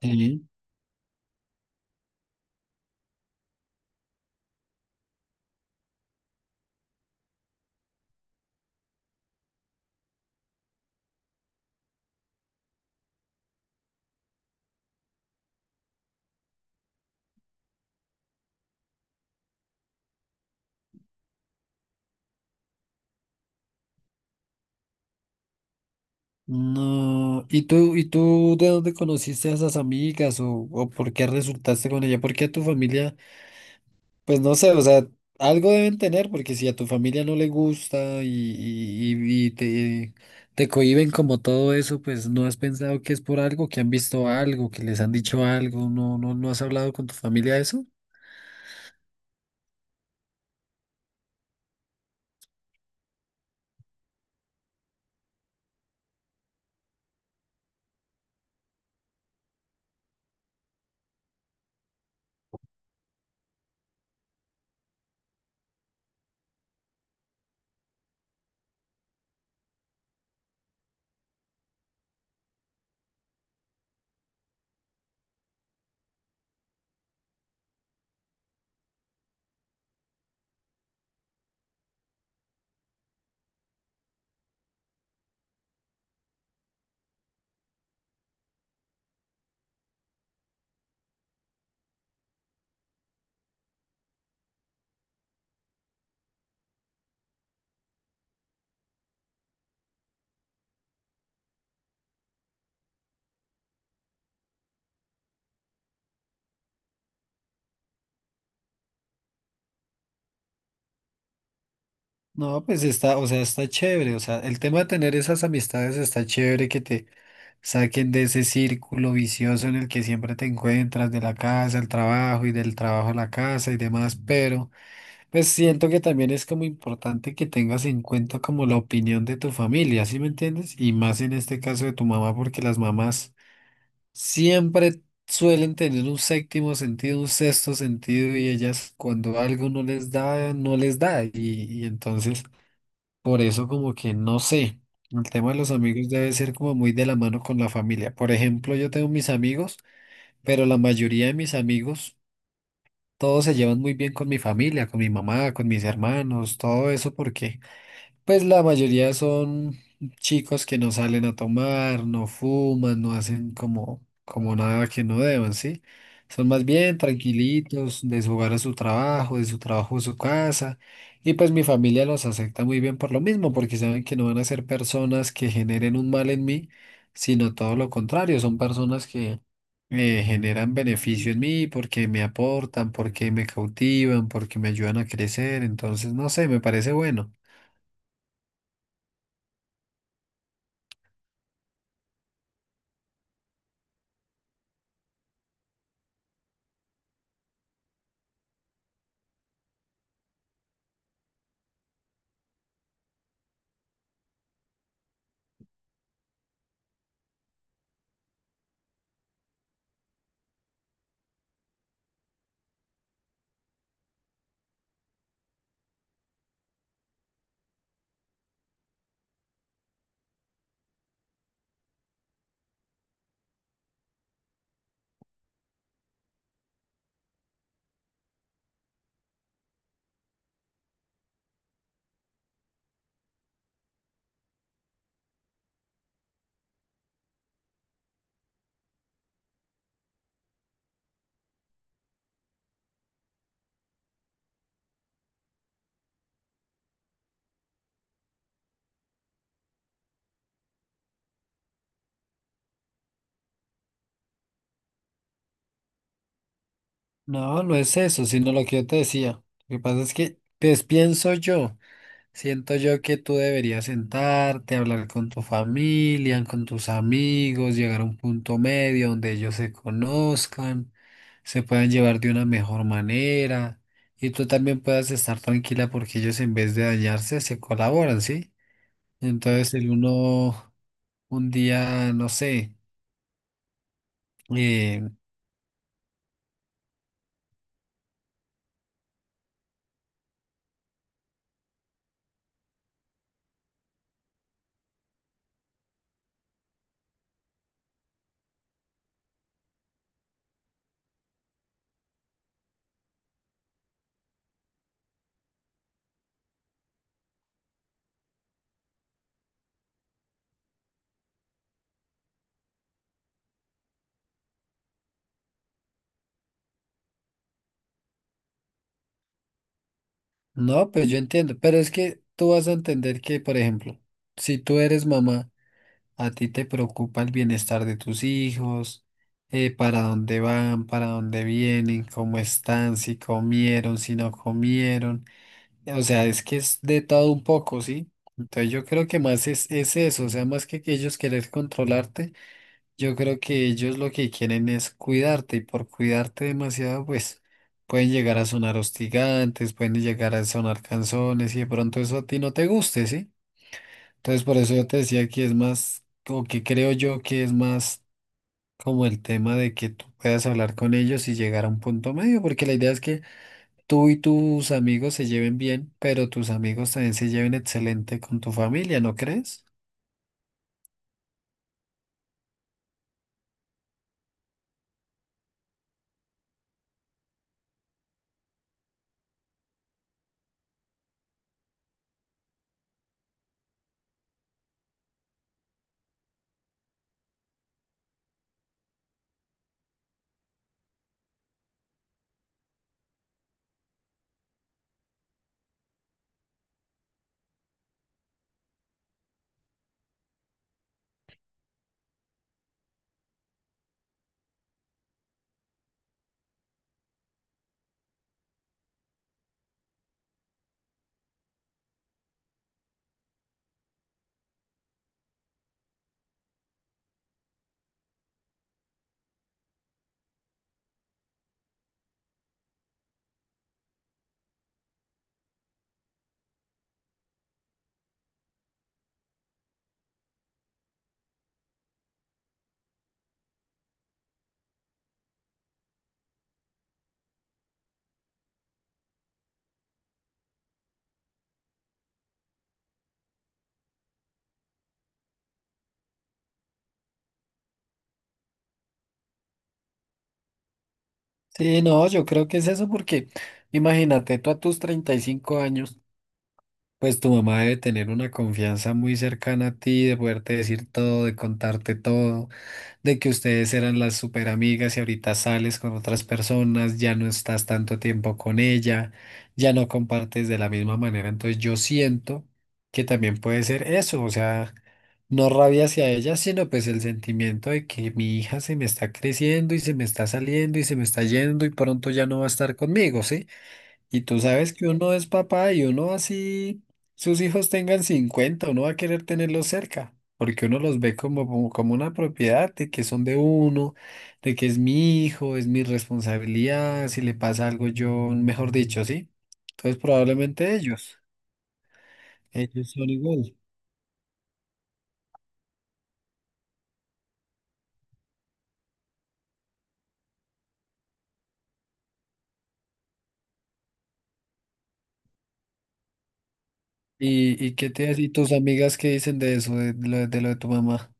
Sí. No. Y tú de dónde conociste a esas amigas o por qué resultaste con ella? ¿Por qué a tu familia? Pues no sé, o sea, algo deben tener, porque si a tu familia no le gusta y te, te cohíben como todo eso, pues no has pensado que es por algo, que han visto algo, que les han dicho algo, no has hablado con tu familia de eso. No, pues está, o sea, está chévere, o sea, el tema de tener esas amistades está chévere que te saquen de ese círculo vicioso en el que siempre te encuentras de la casa al trabajo y del trabajo a la casa y demás, pero pues siento que también es como importante que tengas en cuenta como la opinión de tu familia, ¿sí me entiendes? Y más en este caso de tu mamá, porque las mamás siempre suelen tener un séptimo sentido, un sexto sentido y ellas cuando algo no les da, no les da y entonces... Por eso como que no sé, el tema de los amigos debe ser como muy de la mano con la familia. Por ejemplo, yo tengo mis amigos, pero la mayoría de mis amigos, todos se llevan muy bien con mi familia, con mi mamá, con mis hermanos, todo eso porque... Pues la mayoría son chicos que no salen a tomar, no fuman, no hacen como, como nada que no deban, ¿sí? Son más bien tranquilitos, de su hogar a su trabajo, de su trabajo a su casa. Y pues mi familia los acepta muy bien por lo mismo, porque saben que no van a ser personas que generen un mal en mí, sino todo lo contrario, son personas que generan beneficio en mí porque me aportan, porque me cautivan, porque me ayudan a crecer. Entonces, no sé, me parece bueno. No, no es eso, sino lo que yo te decía. Lo que pasa es que, pues pienso yo, siento yo que tú deberías sentarte, hablar con tu familia, con tus amigos, llegar a un punto medio donde ellos se conozcan, se puedan llevar de una mejor manera y tú también puedas estar tranquila porque ellos en vez de dañarse se colaboran, ¿sí? Entonces el uno, un día, no sé. eh, No, pues yo entiendo, pero es que tú vas a entender que, por ejemplo, si tú eres mamá, a ti te preocupa el bienestar de tus hijos, para dónde van, para dónde vienen, cómo están, si comieron, si no comieron. O sea, es que es de todo un poco, ¿sí? Entonces yo creo que más es eso, o sea, más que ellos querer controlarte. Yo creo que ellos lo que quieren es cuidarte y por cuidarte demasiado, pues pueden llegar a sonar hostigantes, pueden llegar a sonar canzones y de pronto eso a ti no te guste, ¿sí? Entonces por eso yo te decía que es más, o que creo yo que es más como el tema de que tú puedas hablar con ellos y llegar a un punto medio, porque la idea es que tú y tus amigos se lleven bien, pero tus amigos también se lleven excelente con tu familia, ¿no crees? Sí, no, yo creo que es eso porque imagínate tú a tus 35 años. Pues tu mamá debe tener una confianza muy cercana a ti, de poderte decir todo, de contarte todo, de que ustedes eran las super amigas y ahorita sales con otras personas, ya no estás tanto tiempo con ella, ya no compartes de la misma manera. Entonces yo siento que también puede ser eso, o sea, no rabia hacia ella, sino pues el sentimiento de que mi hija se me está creciendo y se me está saliendo y se me está yendo y pronto ya no va a estar conmigo, ¿sí? Y tú sabes que uno es papá y uno así sus hijos tengan 50 uno va a querer tenerlos cerca, porque uno los ve como, como, como una propiedad de que son de uno, de que es mi hijo, es mi responsabilidad, si le pasa algo yo, mejor dicho, ¿sí? Entonces probablemente ellos, ellos son igual. Y qué te y tus amigas qué dicen de eso, de, lo de lo de tu mamá?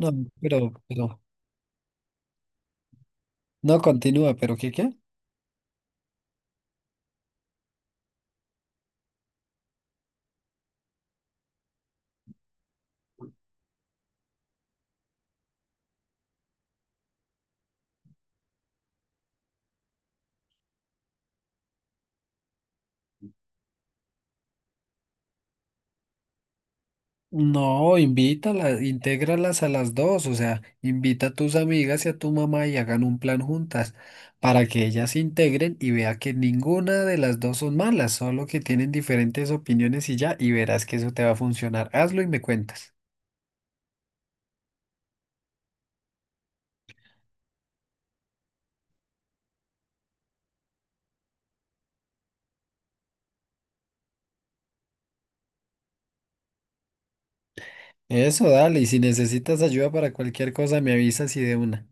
No, pero, no, continúa, pero ¿qué? No, invítalas, intégralas a las dos, o sea, invita a tus amigas y a tu mamá y hagan un plan juntas para que ellas se integren y vea que ninguna de las dos son malas, solo que tienen diferentes opiniones y ya, y verás que eso te va a funcionar. Hazlo y me cuentas. Eso, dale, y si necesitas ayuda para cualquier cosa, me avisas y de una.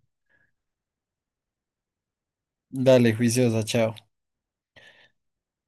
Dale, juiciosa, chao.